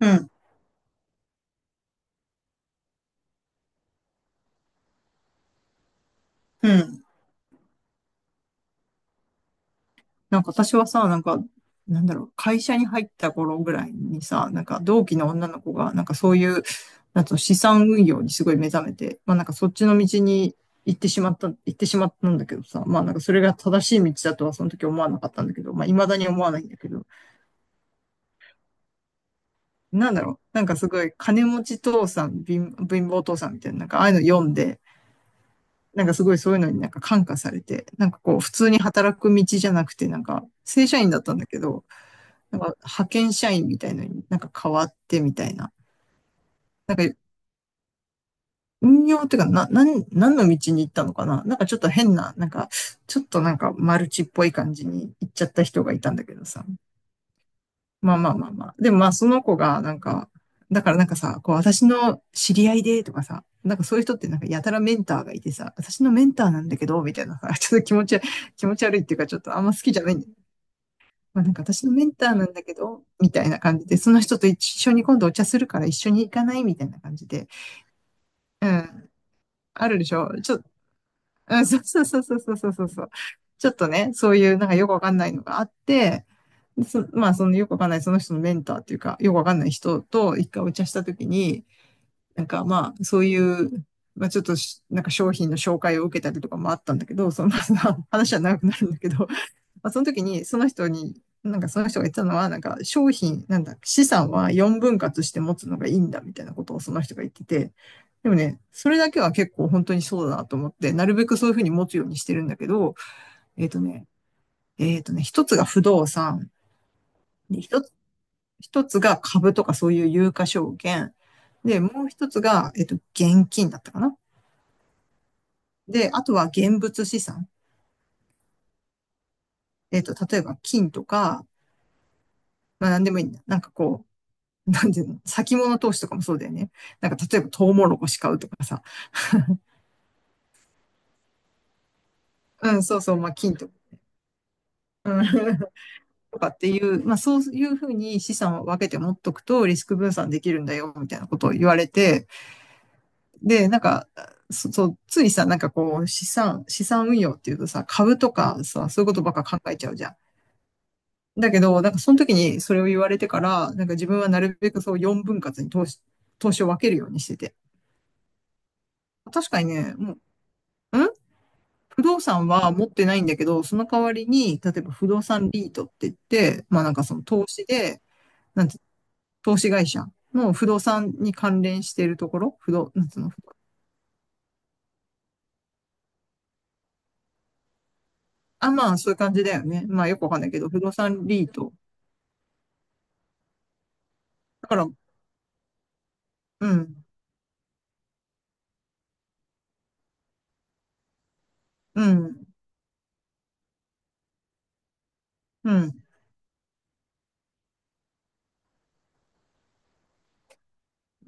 うん、うん。なんか私はさ、なんか、なんだろう、会社に入った頃ぐらいにさ、なんか同期の女の子が、なんかそういう、なんつうの資産運用にすごい目覚めて、まあなんかそっちの道に行ってしまったんだけどさ、まあなんかそれが正しい道だとはその時思わなかったんだけど、まあ未だに思わないんだけど、なんだろう、なんかすごい金持ち父さん、貧乏父さんみたいな、なんかああいうの読んで、なんかすごいそういうのになんか感化されて、なんかこう普通に働く道じゃなくて、なんか正社員だったんだけど、なんか派遣社員みたいのになんか変わってみたいな。なんか運用っていうか、な、なん、何の道に行ったのかな、なんかちょっと変な、なんか、ちょっとなんかマルチっぽい感じに行っちゃった人がいたんだけどさ。まあまあまあまあ。でもまあその子がなんか、だからなんかさ、こう私の知り合いでとかさ、なんかそういう人ってなんかやたらメンターがいてさ、私のメンターなんだけど、みたいなさ、ちょっと気持ち、気持ち悪いっていうかちょっとあんま好きじゃないんだよね。まあ、なんか私のメンターなんだけど、みたいな感じで、その人と一緒に今度お茶するから一緒に行かないみたいな感じで、うん、あるでしょ？うん、そうそうそうそうそうそうそうそう。ちょっとね、そういうなんかよくわかんないのがあって、まあそのよくわかんないその人のメンターっていうか、よくわかんない人と一回お茶したときに、なんかまあそういう、まあちょっとなんか商品の紹介を受けたりとかもあったんだけど、そのまあ 話は長くなるんだけど、まあ、その時に、その人に、なんかその人が言ったのは、なんか商品、なんだ、資産は4分割して持つのがいいんだみたいなことをその人が言ってて、でもね、それだけは結構本当にそうだなと思って、なるべくそういうふうに持つようにしてるんだけど、えっとね、えっとね、一つが不動産、で一つが株とかそういう有価証券、で、もう一つが、現金だったかな。で、あとは現物資産。例えば金とか、まあ何でもいいんだ。なんかこう、なんていうの、先物投資とかもそうだよね。なんか例えばトウモロコシ買うとかさ、うん、そうそう、まあ金とか、とかっていう、まあそういうふうに資産を分けて持っとくとリスク分散できるんだよ、みたいなことを言われて、で、なんか、そう、ついさ、なんかこう、資産運用っていうとさ、株とかさ、そういうことばっか考えちゃうじゃん。だけど、なんかその時にそれを言われてから、なんか自分はなるべくそう4分割に投資を分けるようにしてて。確かにね、もう、ん不動産は持ってないんだけど、その代わりに、例えば不動産リートって言って、まあなんかその投資で、なんて、投資会社の不動産に関連しているところ、不動、なんつうの、不動あ、まあそういう感じだよね。まあよくわかんないけど、不動産リート。だから、うん、うん、うん。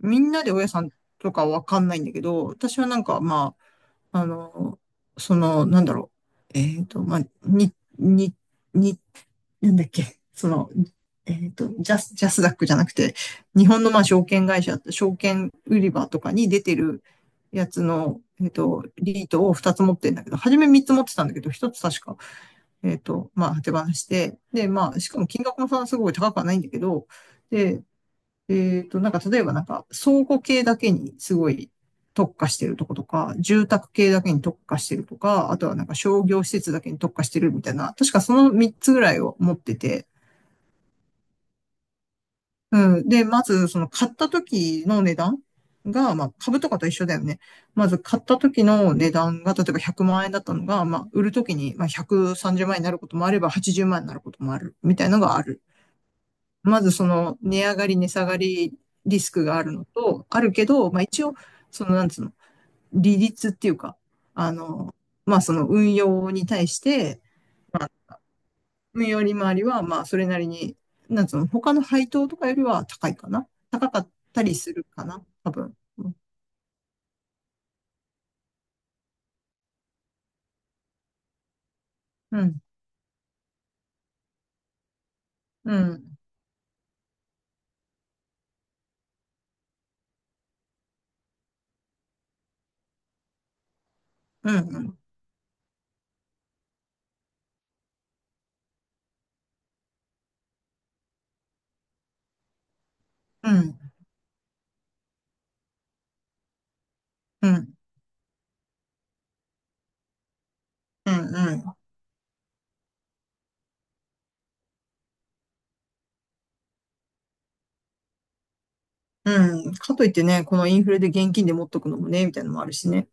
みんなで大家さんとかわかんないんだけど、私はなんかまあ、あの、なんだろう。まあ、に、に、に、なんだっけ。ジャスダックじゃなくて、日本のまあ証券会社、証券売り場とかに出てるやつの、リートを2つ持ってんだけど、初め3つ持ってたんだけど、1つ確か、まあ、手放して、で、まあ、しかも金額もそんなすごい高くはないんだけど、で、なんか例えばなんか倉庫系だけにすごい特化してるとことか、住宅系だけに特化してるとか、あとはなんか商業施設だけに特化してるみたいな、確かその3つぐらいを持ってて、うん。で、まずその買った時の値段が、まあ株とかと一緒だよね。まず買った時の値段が、例えば100万円だったのが、まあ売る時にまあ130万円になることもあれば80万円になることもあるみたいなのがある。まずその値上がり、値下がりリスクがあるのと、あるけど、まあ一応、そのなんつうの、利率っていうか、あの、まあその運用に対して、まあ運用利回りはまあそれなりに、なんつうの、他の配当とかよりは高いかな。高かったりするかな、多分。うん、うん、うん、うん、うん、うん、うん、うん。うんかといってね、このインフレで現金で持っとくのもね、みたいなのもあるしね。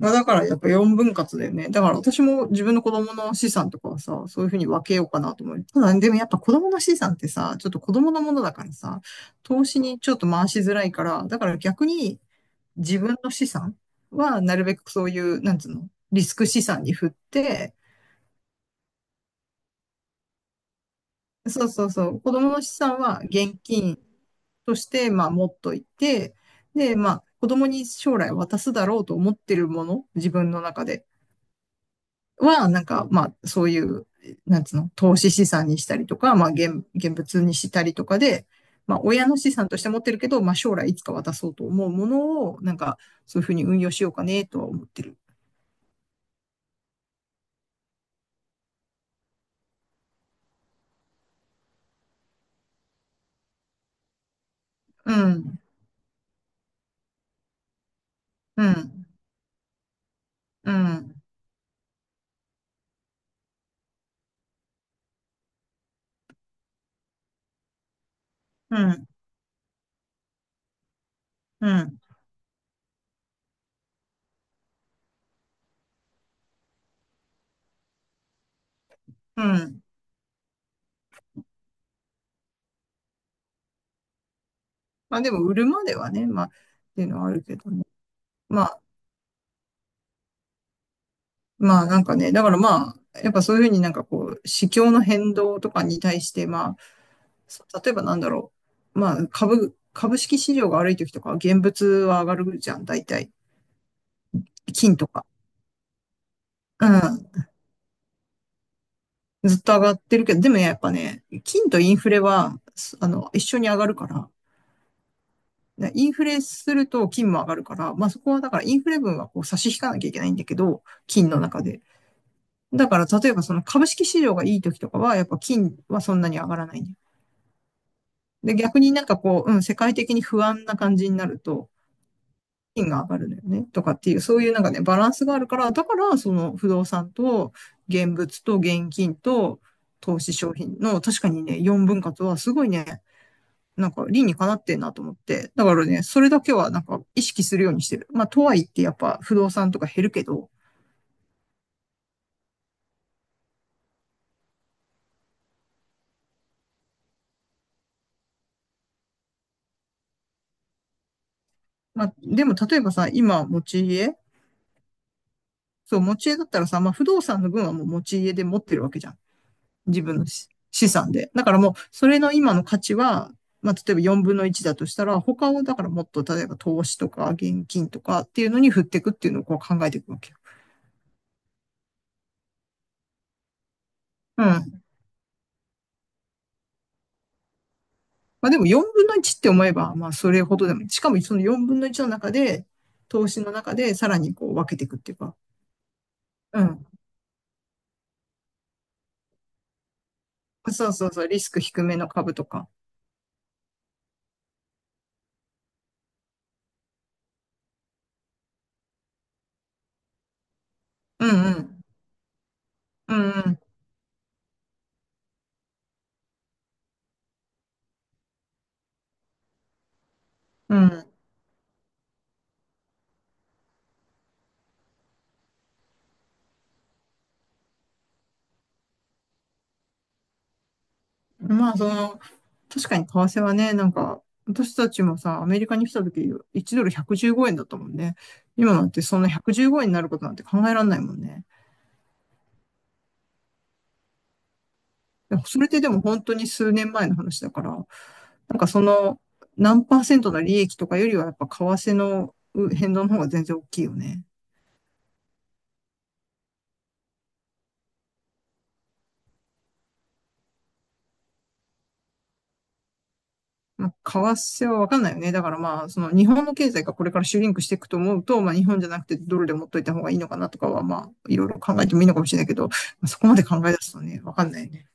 まあだからやっぱ4分割だよね。だから私も自分の子供の資産とかはさ、そういうふうに分けようかなと思う。ただでもやっぱ子供の資産ってさ、ちょっと子供のものだからさ、投資にちょっと回しづらいから、だから逆に自分の資産はなるべくそういう、なんつうの、リスク資産に振って、そうそうそう、子供の資産は現金として、まあ持っといて、で、まあ子供に将来渡すだろうと思ってるもの、自分の中では、なんか、まあ、そういう、なんつうの、投資資産にしたりとか、まあ、現物にしたりとかで、まあ、親の資産として持ってるけど、まあ、将来いつか渡そうと思うものを、なんか、そういうふうに運用しようかね、とは思ってる。うん、うん、うん、うん、うん、うん。まあ、でも、売るまではね、まあ、っていうのはあるけどね。まあまあなんかね、だからまあ、やっぱそういうふうになんかこう、市況の変動とかに対して、まあ、例えばなんだろう、まあ株式市場が悪い時とかは現物は上がるじゃん、大体。金とか。うん。ずっと上がってるけど、でもやっぱね、金とインフレは、すあの、一緒に上がるから、でインフレすると金も上がるから、まあそこはだからインフレ分はこう差し引かなきゃいけないんだけど、金の中で。だから例えばその株式市場がいい時とかは、やっぱ金はそんなに上がらないんだ。で、逆になんかこう、うん、世界的に不安な感じになると、金が上がるのよね、とかっていう、そういうなんかね、バランスがあるから、だから、その不動産と現物と現金と投資商品の、確かにね、4分割はすごいね、なんか理にかなってんなと思って、だからね、それだけはなんか意識するようにしてる。まあ、とはいってやっぱ不動産とか減るけど、まあ、でも例えばさ、今持ち家そう、持ち家だったらさ、まあ、不動産の分はもう持ち家で持ってるわけじゃん。自分の資産で。だからもう、それの今の価値は、まあ、例えば4分の1だとしたら、他を、だからもっと、例えば投資とか現金とかっていうのに振っていくっていうのをこう考えていくわけよ。うん。まあでも4分の1って思えば、まあそれほどでも、しかもその4分の1の中で、投資の中でさらにこう分けていくっていうか、うん。そうそうそう、リスク低めの株とか。うんうん。うんうん。うん。まあ、確かに為替はね、なんか、私たちもさ、アメリカに来た時、1ドル115円だったもんね。今なんてそんな115円になることなんて考えられないもんね。でもそれってでも本当に数年前の話だから、なんかその、何パーセントの利益とかよりはやっぱ為替の変動の方が全然大きいよね。まあ、為替はわかんないよね。だからまあ、その日本の経済がこれからシュリンクしていくと思うと、まあ日本じゃなくてドルで持っといた方がいいのかなとかは、まあ、いろいろ考えてもいいのかもしれないけど、まあ、そこまで考え出すとね、わかんないよね。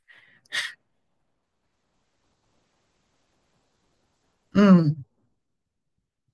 うん。